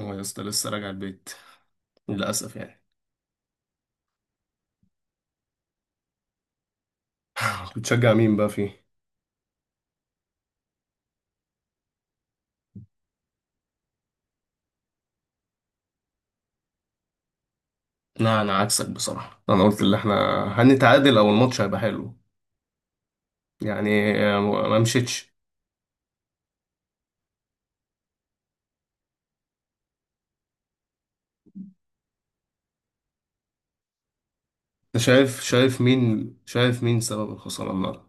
اه يا اسطى، لسه راجع البيت للأسف يعني. بتشجع مين بقى فيه؟ لا، أنا عكسك بصراحة. أنا قلت اللي إحنا هنتعادل أو الماتش هيبقى حلو يعني. ما مشيتش. أنت شايف مين سبب الخسارة النهاردة؟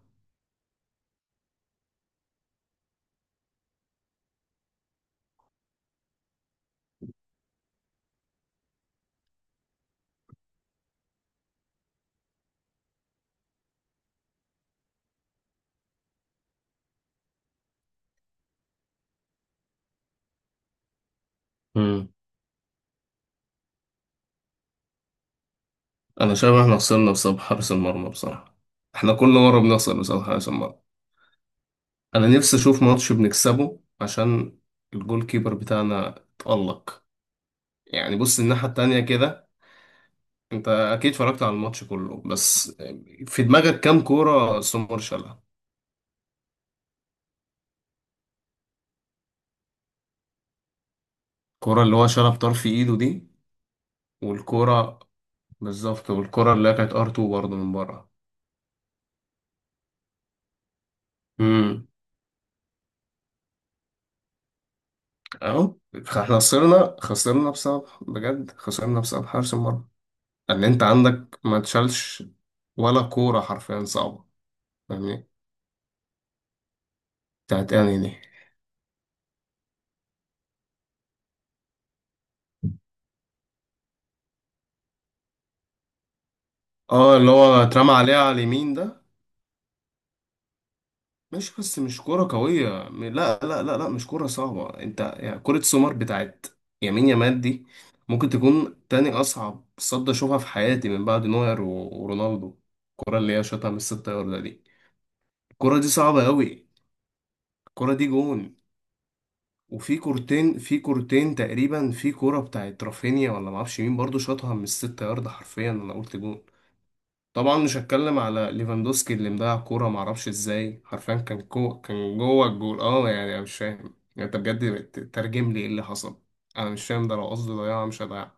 امم. أنا شايف إحنا خسرنا بسبب حارس المرمى بصراحة. إحنا كل مرة بنخسر بسبب حارس المرمى. أنا نفسي أشوف ماتش بنكسبه عشان الجول كيبر بتاعنا اتألق يعني. بص، الناحية التانية كده، انت اكيد اتفرجت على الماتش كله، بس في دماغك كام كوره سومر شالها؟ الكوره اللي هو شالها بطرف ايده دي، والكوره، بالظبط، والكوره اللي هي كانت ار 2 برضه من بره. امم. اهو. احنا خسرنا بسبب، بجد خسرنا بسبب حارس المرمى. ان انت عندك ما تشالش ولا كوره حرفيا صعبه؟ فاهمني، بتاعت انهي دي؟ اه، اللي هو اترمى عليها على اليمين ده. ماشي بس مش كرة قوية، لا لا لا لا، مش كرة صعبة انت يعني. كرة سومر بتاعت يمين يامال دي ممكن تكون تاني أصعب صد أشوفها في حياتي من بعد نوير ورونالدو. الكرة اللي هي شاطها من الست ياردة دي، الكرة دي صعبة أوي، الكرة دي جون. وفي كورتين تقريبا، في كرة بتاعت رافينيا ولا معرفش مين برضو شاطها من الست ياردة حرفيا، أنا قلت جون. طبعا مش هتكلم على ليفاندوسكي اللي مضيع كورة معرفش ازاي، حرفيا كان كان جوه الجول. اه، يعني انا مش فاهم يعني، انت بجد ترجم لي ايه اللي حصل. انا مش فاهم، ده لو قصدي ضيعها مش هضيعها.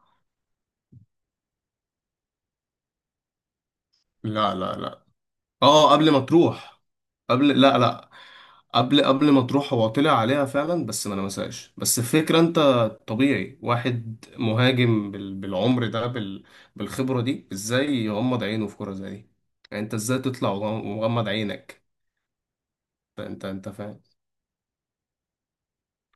لا لا لا، اه قبل ما تروح، قبل لا لا، قبل ما تروح هو طلع عليها فعلا بس ما لمسهاش. بس الفكرة انت، طبيعي واحد مهاجم بالعمر ده، بالخبرة دي، ازاي يغمض عينه في كورة زي دي؟ يعني انت ازاي تطلع ومغمض عينك؟ انت فاهم،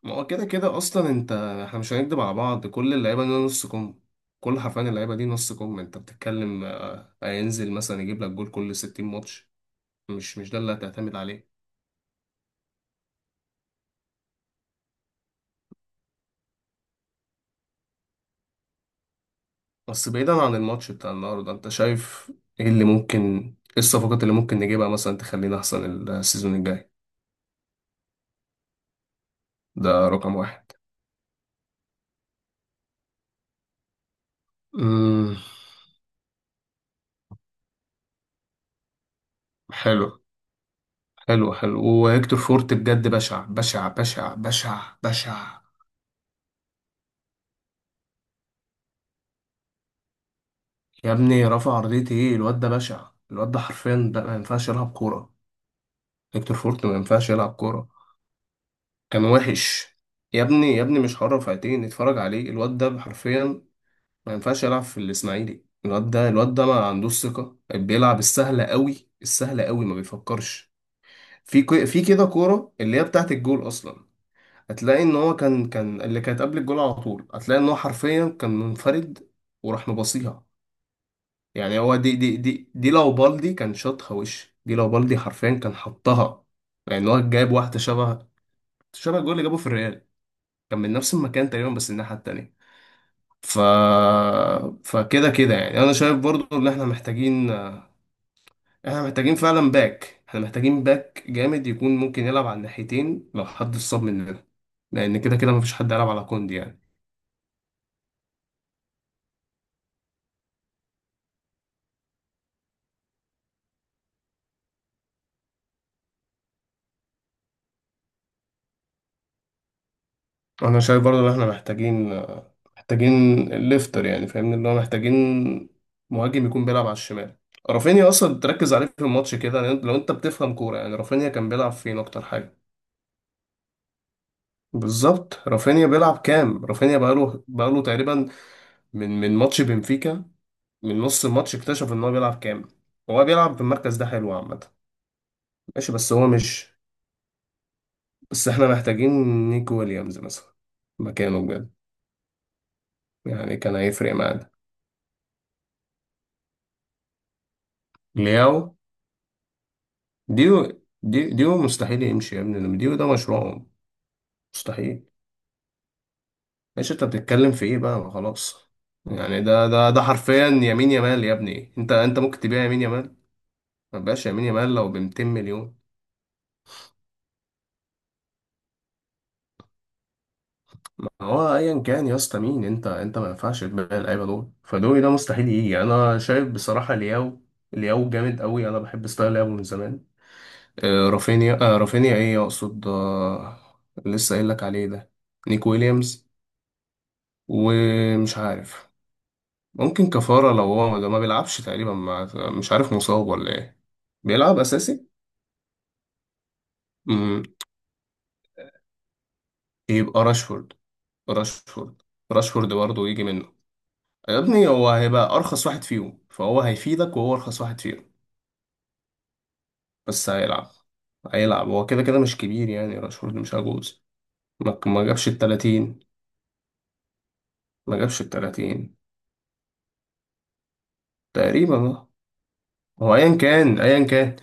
ما هو كده كده اصلا انت. احنا مش هنكدب على بعض، كل اللعيبه دي نص كم، كل حرفيا اللعيبه دي نص كم، انت بتتكلم. هينزل مثلا يجيب لك جول كل 60 ماتش، مش ده اللي هتعتمد عليه. بس بعيدا عن الماتش بتاع النهارده، انت شايف ايه اللي ممكن، ايه الصفقات اللي ممكن نجيبها مثلا تخلينا احسن السيزون الجاي؟ ده رقم واحد. امم. حلو، حلو حلو. وهيكتور فورت بجد بشع بشع بشع بشع بشع. يا ابني رافع عرضية ايه! الواد ده بشع، الواد ده حرفيا ده ما ينفعش يلعب كورة. فيكتور فورت ما ينفعش يلعب كورة، كان وحش. يا ابني يا ابني مش حر رفعتين، اتفرج عليه الواد ده حرفيا ما ينفعش يلعب في الإسماعيلي. الواد ده الواد ده ما عندوش ثقة، بيلعب السهلة قوي السهلة قوي، ما بيفكرش. في في كده كورة اللي هي بتاعت الجول أصلا، هتلاقي إن هو كان اللي كانت قبل الجول على طول، هتلاقي إن هو حرفيا كان منفرد وراح مباصيها. يعني هو دي لو بالدي كان شاطها، وش دي لو بالدي حرفيا كان حطها. يعني هو جاب واحدة شبه الجول اللي جابه في الريال، كان من نفس المكان تقريبا بس الناحية التانية. ف فكده كده يعني، انا شايف برضو ان احنا محتاجين، احنا محتاجين فعلا باك، احنا محتاجين باك جامد يكون ممكن يلعب على الناحيتين لو حد اتصاب مننا، لان كده كده مفيش حد يلعب على كوندي يعني. انا شايف برضو ان احنا محتاجين، محتاجين الليفتر يعني فاهمني، اللي هو محتاجين مهاجم يكون بيلعب على الشمال. رافينيا اصلا تركز عليه في الماتش كده، لأن لو انت بتفهم كوره يعني، رافينيا كان بيلعب فين اكتر حاجه؟ بالظبط، رافينيا بيلعب كام. رافينيا بقاله تقريبا من ماتش بنفيكا، من نص الماتش اكتشف ان هو بيلعب كام. هو بيلعب في المركز ده، حلو عامه. ماشي بس هو مش، بس احنا محتاجين نيكو ويليامز مثلا، مكانه بجد، يعني كان هيفرق معانا. لياو، ديو ديو ديو مستحيل يمشي يا ابني، لما ديو ده مشروعهم، مستحيل. ايش انت بتتكلم في ايه بقى! ما خلاص يعني، ده حرفيا يمين يمال، يا ابني انت ممكن تبيع يمين يمال؟ ما بقاش يمين يمال لو ب 200 مليون. هو ايا كان يا اسطى مين، انت ما ينفعش تبيع اللعيبه دول، فدوي ده مستحيل يجي. انا شايف بصراحه لياو، لياو جامد قوي، انا بحب ستايل لياو من زمان. رافينيا، رافينيا ايه اقصد، لسه قايل لك عليه ده، نيك ويليامز. ومش عارف، ممكن كفارة لو هو ده ما بيلعبش تقريبا مع، مش عارف مصاب ولا ايه. بيلعب أساسي. امم. يبقى راشفورد، راشفورد. راشفورد برضه يجي منه، يا ابني هو هيبقى أرخص واحد فيهم فهو هيفيدك وهو أرخص واحد فيهم. بس هيلعب، هيلعب، هو كده كده مش كبير يعني، راشفورد مش عجوز، ما جابش التلاتين، ما جابش التلاتين تقريبا اه. هو أيا كان أيا كان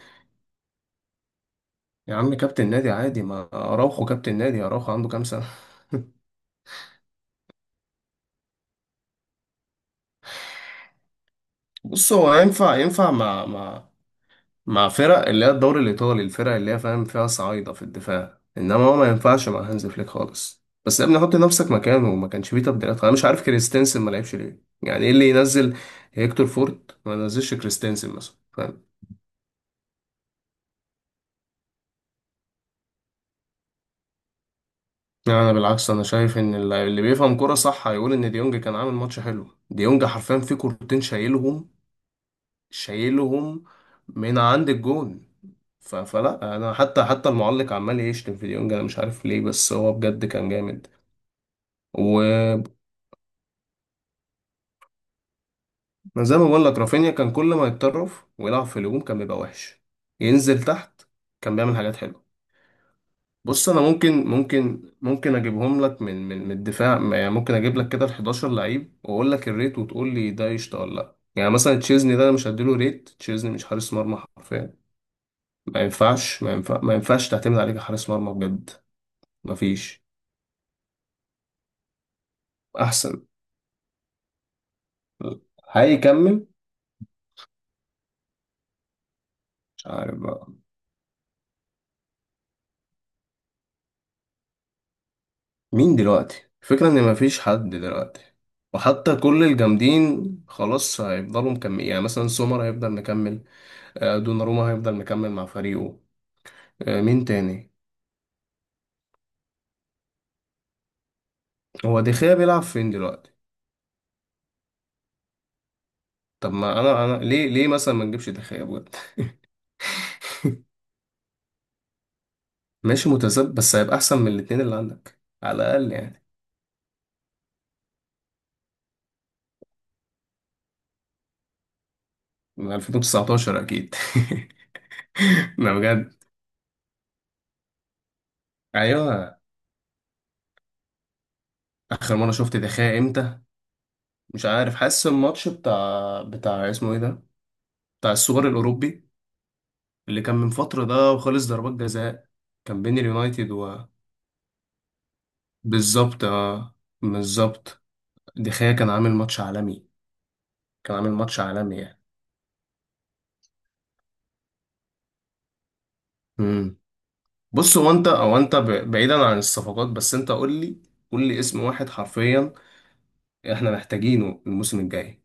يا عم، كابتن نادي عادي، ما أراوخو كابتن نادي، أراوخو عنده كام سنة؟ بص هو ينفع مع فرق اللي هي الدوري الإيطالي، الفرق اللي هي فاهم فيها صعايدة في الدفاع، إنما هو ما ينفعش مع هانز فليك خالص. بس يا ابني حط نفسك مكانه، وما كانش فيه تبديلات. أنا مش عارف كريستنسن ما لعبش ليه، يعني إيه اللي ينزل؟ هيكتور فورت ما ينزلش كريستنسن مثلا فاهم؟ يعني أنا بالعكس، أنا شايف إن اللي بيفهم كورة صح هيقول إن ديونج كان عامل ماتش حلو، ديونج حرفيا في كورتين شايلهم، شايلهم من عند الجون. فلا انا حتى المعلق عمال يشتم في ديونج، انا مش عارف ليه، بس هو بجد كان جامد. ما زي ما بقول لك رافينيا كان كل ما يتطرف ويلعب في الهجوم كان بيبقى وحش، ينزل تحت كان بيعمل حاجات حلوه. بص انا ممكن اجيبهم لك من الدفاع يعني، ممكن اجيب لك كده ال 11 لعيب واقول لك الريت، وتقول لي ده قشطه ولا لا، يعني مثلا تشيزني ده انا مش هديله ريت، تشيزني مش حارس مرمى حرفيا. ما ينفعش تعتمد عليه كحارس مرمى بجد. ما فيش، احسن، هيكمل. مش عارف بقى مين دلوقتي، الفكرة ان مفيش حد دلوقتي، وحتى كل الجامدين خلاص هيفضلوا مكمل يعني، مثلا سومر هيفضل مكمل، دوناروما هيفضل مكمل مع فريقه، مين تاني؟ هو دخيا بيلعب فين دلوقتي؟ طب ما انا، ليه مثلا ما نجيبش دخيا بجد؟ ماشي متذبذب بس هيبقى احسن من الاتنين اللي عندك على الاقل يعني. من 2019 اكيد. ما بجد، ايوه. اخر مره شفت دخيا امتى؟ مش عارف، حاسس الماتش بتاع اسمه ايه ده، بتاع السوبر الاوروبي اللي كان من فترة ده وخلص ضربات جزاء، كان بين اليونايتد و، بالظبط اه، بالظبط. دخيا كان عامل ماتش عالمي، كان عامل ماتش عالمي يعني. امم. بص هو انت او بعيدا عن الصفقات، بس انت قول لي، قول لي اسم واحد حرفيا احنا محتاجينه الموسم الجاي.